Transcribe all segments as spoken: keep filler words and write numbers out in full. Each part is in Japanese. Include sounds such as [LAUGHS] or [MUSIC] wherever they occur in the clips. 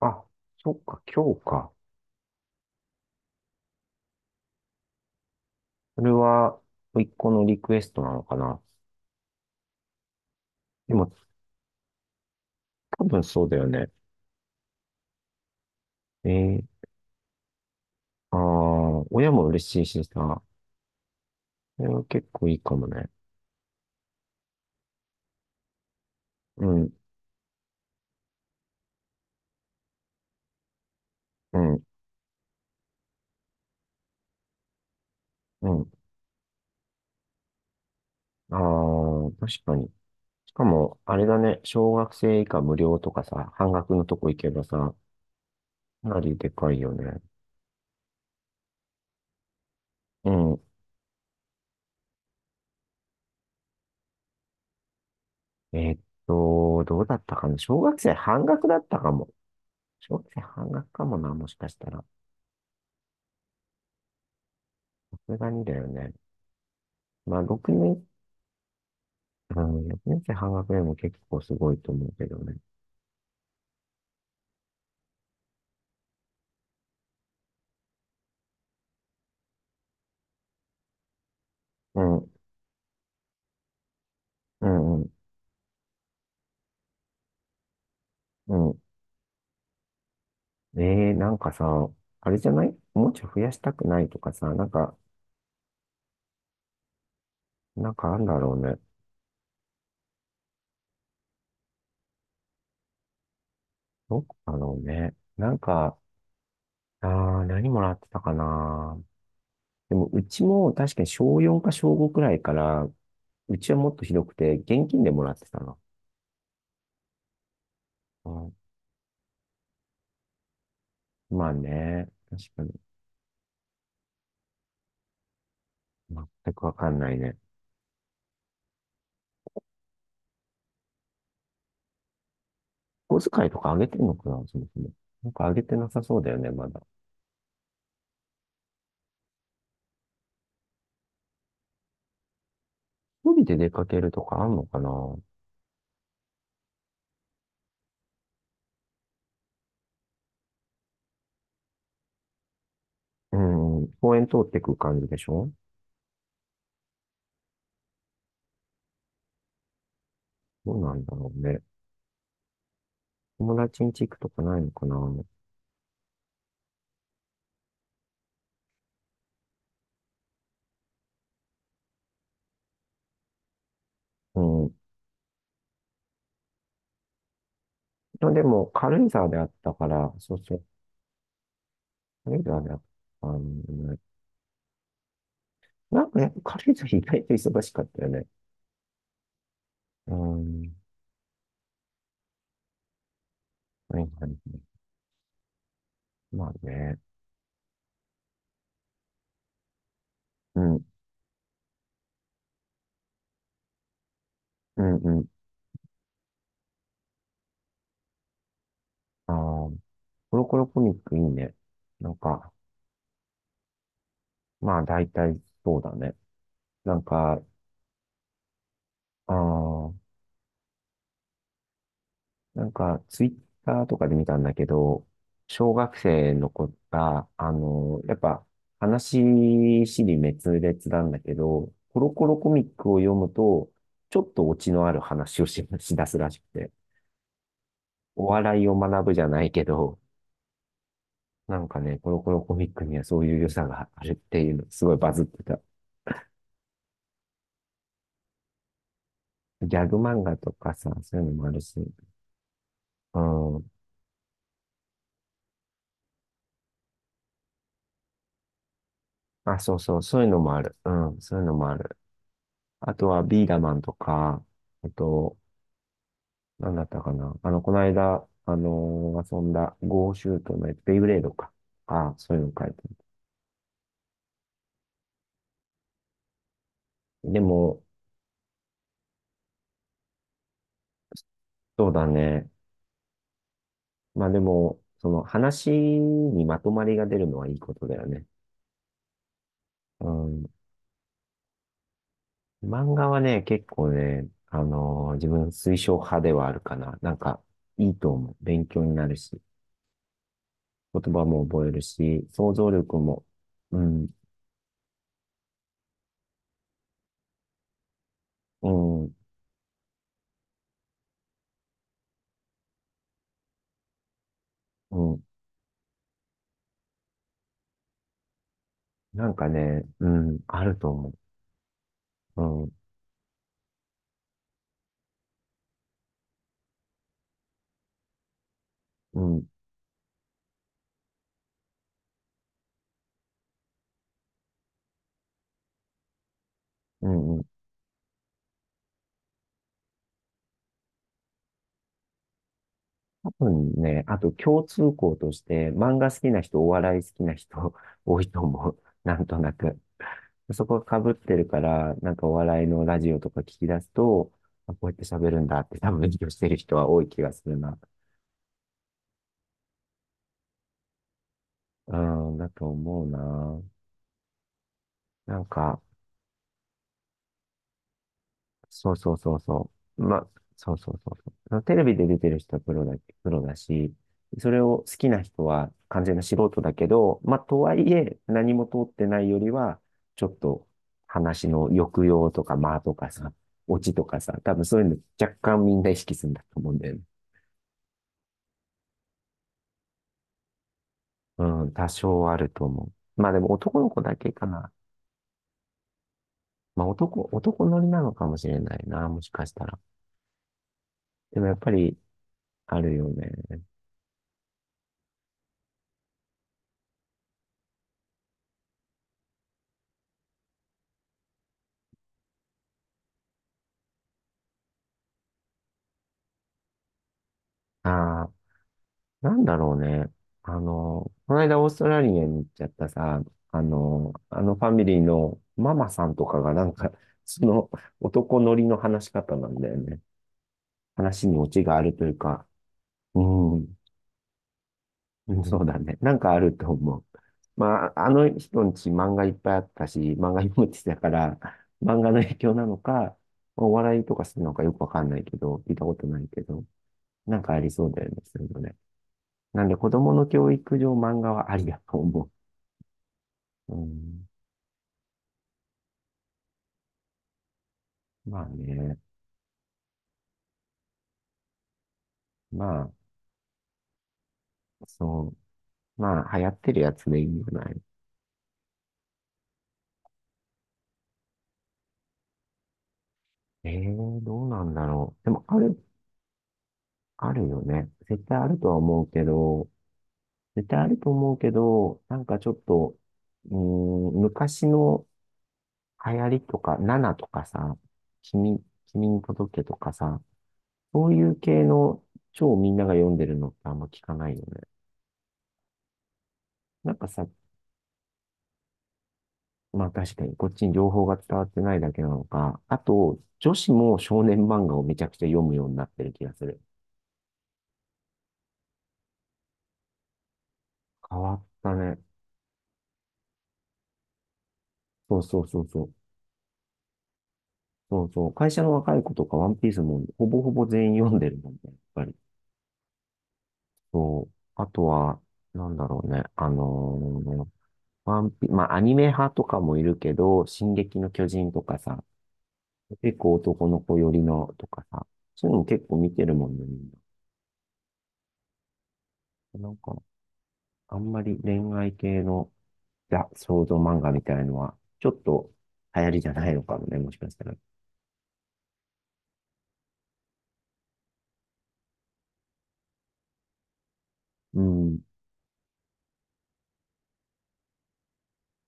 あ、そっか、今日か。それは、甥っ子のリクエストなのかな。でも、多分そうだよね。えー、ああ、親も嬉しいしさ、それは結構いいかもね。うん、うん、うん。ああ、確かに。しかも、あれだね、小学生以下無料とかさ、半額のとこ行けばさ、かなりでかいよね。うん。えーっと、どうだったかな。小学生半額だったかも。小学生半額かもな、もしかしたら。さすがにだよね。まあ、6年うん、年生半額でも結構すごいと思うけどね。うん、うん、うん、うん。えー、なんかさ、あれじゃないもうちょい増やしたくないとかさ、なんか、なんかあんだろうね。どこだろうね。なんか、あー、何もらってたかな。でも、うちも確かに小よんか小ごくらいから、うちはもっとひどくて、現金でもらってたの。うん、まあね、確かに。全くわかんないね。小遣いとかあげてんのかな、そもそも。なんかあげてなさそうだよね、まだ。一人で出かけるとかあんのかな。うん、公園通ってく感じでしょ。どうなんだろうね。友達ん家行くとかないのかな。うん。でもでも、軽井沢であったから、そうそう、軽井沢であったんだよね。なんかね、軽井沢意外と忙しかったよね。うん。はいはいはい。まあね。うん、うん、うん。ああ、コロコロコミックいいね。なんか、まあ大体そうだね。なんか、ああ、なんか、ツイッターとかで見たんだけど、小学生の子が、あの、やっぱ、話しり滅裂なんだけど、コロコロコミックを読むと、ちょっとオチのある話をし、しだすらしくて、お笑いを学ぶじゃないけど、なんかね、コロコロコミックにはそういう良さがあるっていうの、すごいバズってた。ギャグ漫画とかさ、そういうのもあるし、うん。あ、そうそう、そういうのもある。うん、そういうのもある。あとは、ビーダマンとか、あと、なんだったかな。あの、この間、あのー遊んだ、ゴーシュートのやつベイブレードか。ああ、そういうの書いてある。でも、そうだね。まあでも、その話にまとまりが出るのはいいことだよね。うん。漫画はね、結構ね、あのー自分推奨派ではあるかな。なんか、いいと思う。勉強になるし、言葉も覚えるし、想像力も、うん、うん、うん。なんかね、うん、あると思う。うん、うん、うん、うん。そうね。あと共通項として、漫画好きな人、お笑い好きな人 [LAUGHS] 多いと思う。なんとなく。そこが被ってるから、なんかお笑いのラジオとか聞き出すと、あ、こうやって喋るんだって多分勉強してる人は多い気がするな。うん、だと思うな。なんか、そうそうそうそう。まあ、そうそうそうそう。テレビで出てる人はプロだ、プロだし、それを好きな人は完全な素人だけど、まあ、とはいえ、何も通ってないよりは、ちょっと話の抑揚とか間とかさ、オチとかさ、多分そういうの若干みんな意識するんだと思うんだよね。うん、多少あると思う。まあでも男の子だけかな。まあ男、男乗りなのかもしれないな、もしかしたら。でもやっぱりあるよね。ああ。なんだろうね。あの、この間オーストラリアに行っちゃったさ、あの、あのファミリーのママさんとかがなんか、[LAUGHS] その男乗りの話し方なんだよね。話にオチがあるというか、うん、うん、そうだね。なんかあると思う。まあ、あの人んち漫画いっぱいあったし、漫画読むって言ってたから、漫画の影響なのか、お笑いとかするのかよくわかんないけど、聞いたことないけど、なんかありそうだよね、そういうのね。なんで子供の教育上漫画はありだと思う。うん、まあね。まあ、そう。まあ、流行ってるやつでいいんじゃない。ええー、どうなんだろう。でも、ある、あるよね。絶対あるとは思うけど、絶対あると思うけど、なんかちょっと、うーん、昔の流行りとか、ナナとかさ、君、君に届けとかさ、そういう系の超みんなが読んでるのってあんま聞かないよね。なんかさ、まあ確かに、こっちに情報が伝わってないだけなのか。あと、女子も少年漫画をめちゃくちゃ読むようになってる気がする。変わったね。そうそうそうそう。そうそう。会社の若い子とかワンピースもほぼほぼ全員読んでるもんね、やっぱり。そう。あとは、なんだろうね。あのーワンピ、まあアニメ派とかもいるけど、進撃の巨人とかさ、結構男の子寄りのとかさ、そういうのも結構見てるもんね、みんな。なんか、あんまり恋愛系のいや、想像漫画みたいのは、ちょっと流行りじゃないのかもね、もしかしたら。うん、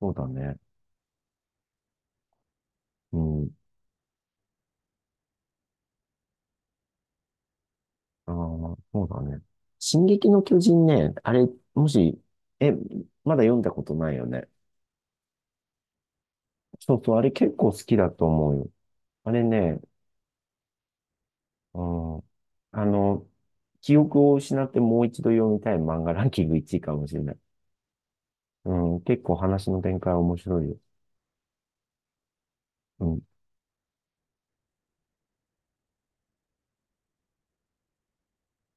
そうだね。うん、ああ、そうだね。進撃の巨人ね、あれ、もし、え、まだ読んだことないよね。そうそう、あれ結構好きだと思うよ。あれね、うん、あの、記憶を失ってもう一度読みたい漫画ランキングいちいかもしれない。うん、結構話の展開面白いよ。うん。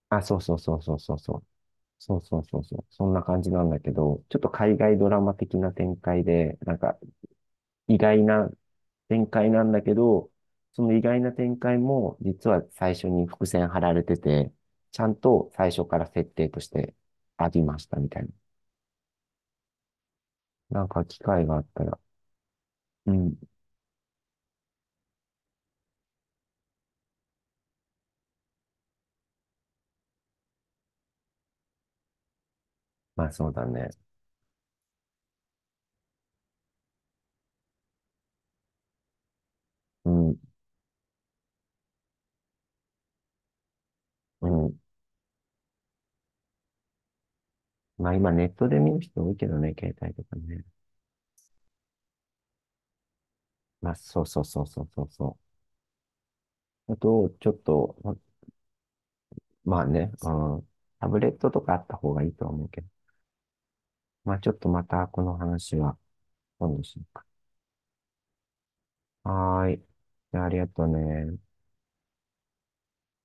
あ、そうそうそうそうそうそう。そうそうそうそう。そんな感じなんだけど、ちょっと海外ドラマ的な展開で、なんか意外な展開なんだけど、その意外な展開も実は最初に伏線張られてて、ちゃんと最初から設定としてありましたみたいな。なんか機会があったら。うん。まあそうだね。うん。うん。まあ今ネットで見る人多いけどね、携帯とかね。まあそうそうそうそうそうそう。あと、ちょっと、まあね、うん。タブレットとかあった方がいいとは思うけど。まあ、ちょっとまたこの話は今度しようか。はーい。じゃあ、ありがとうね。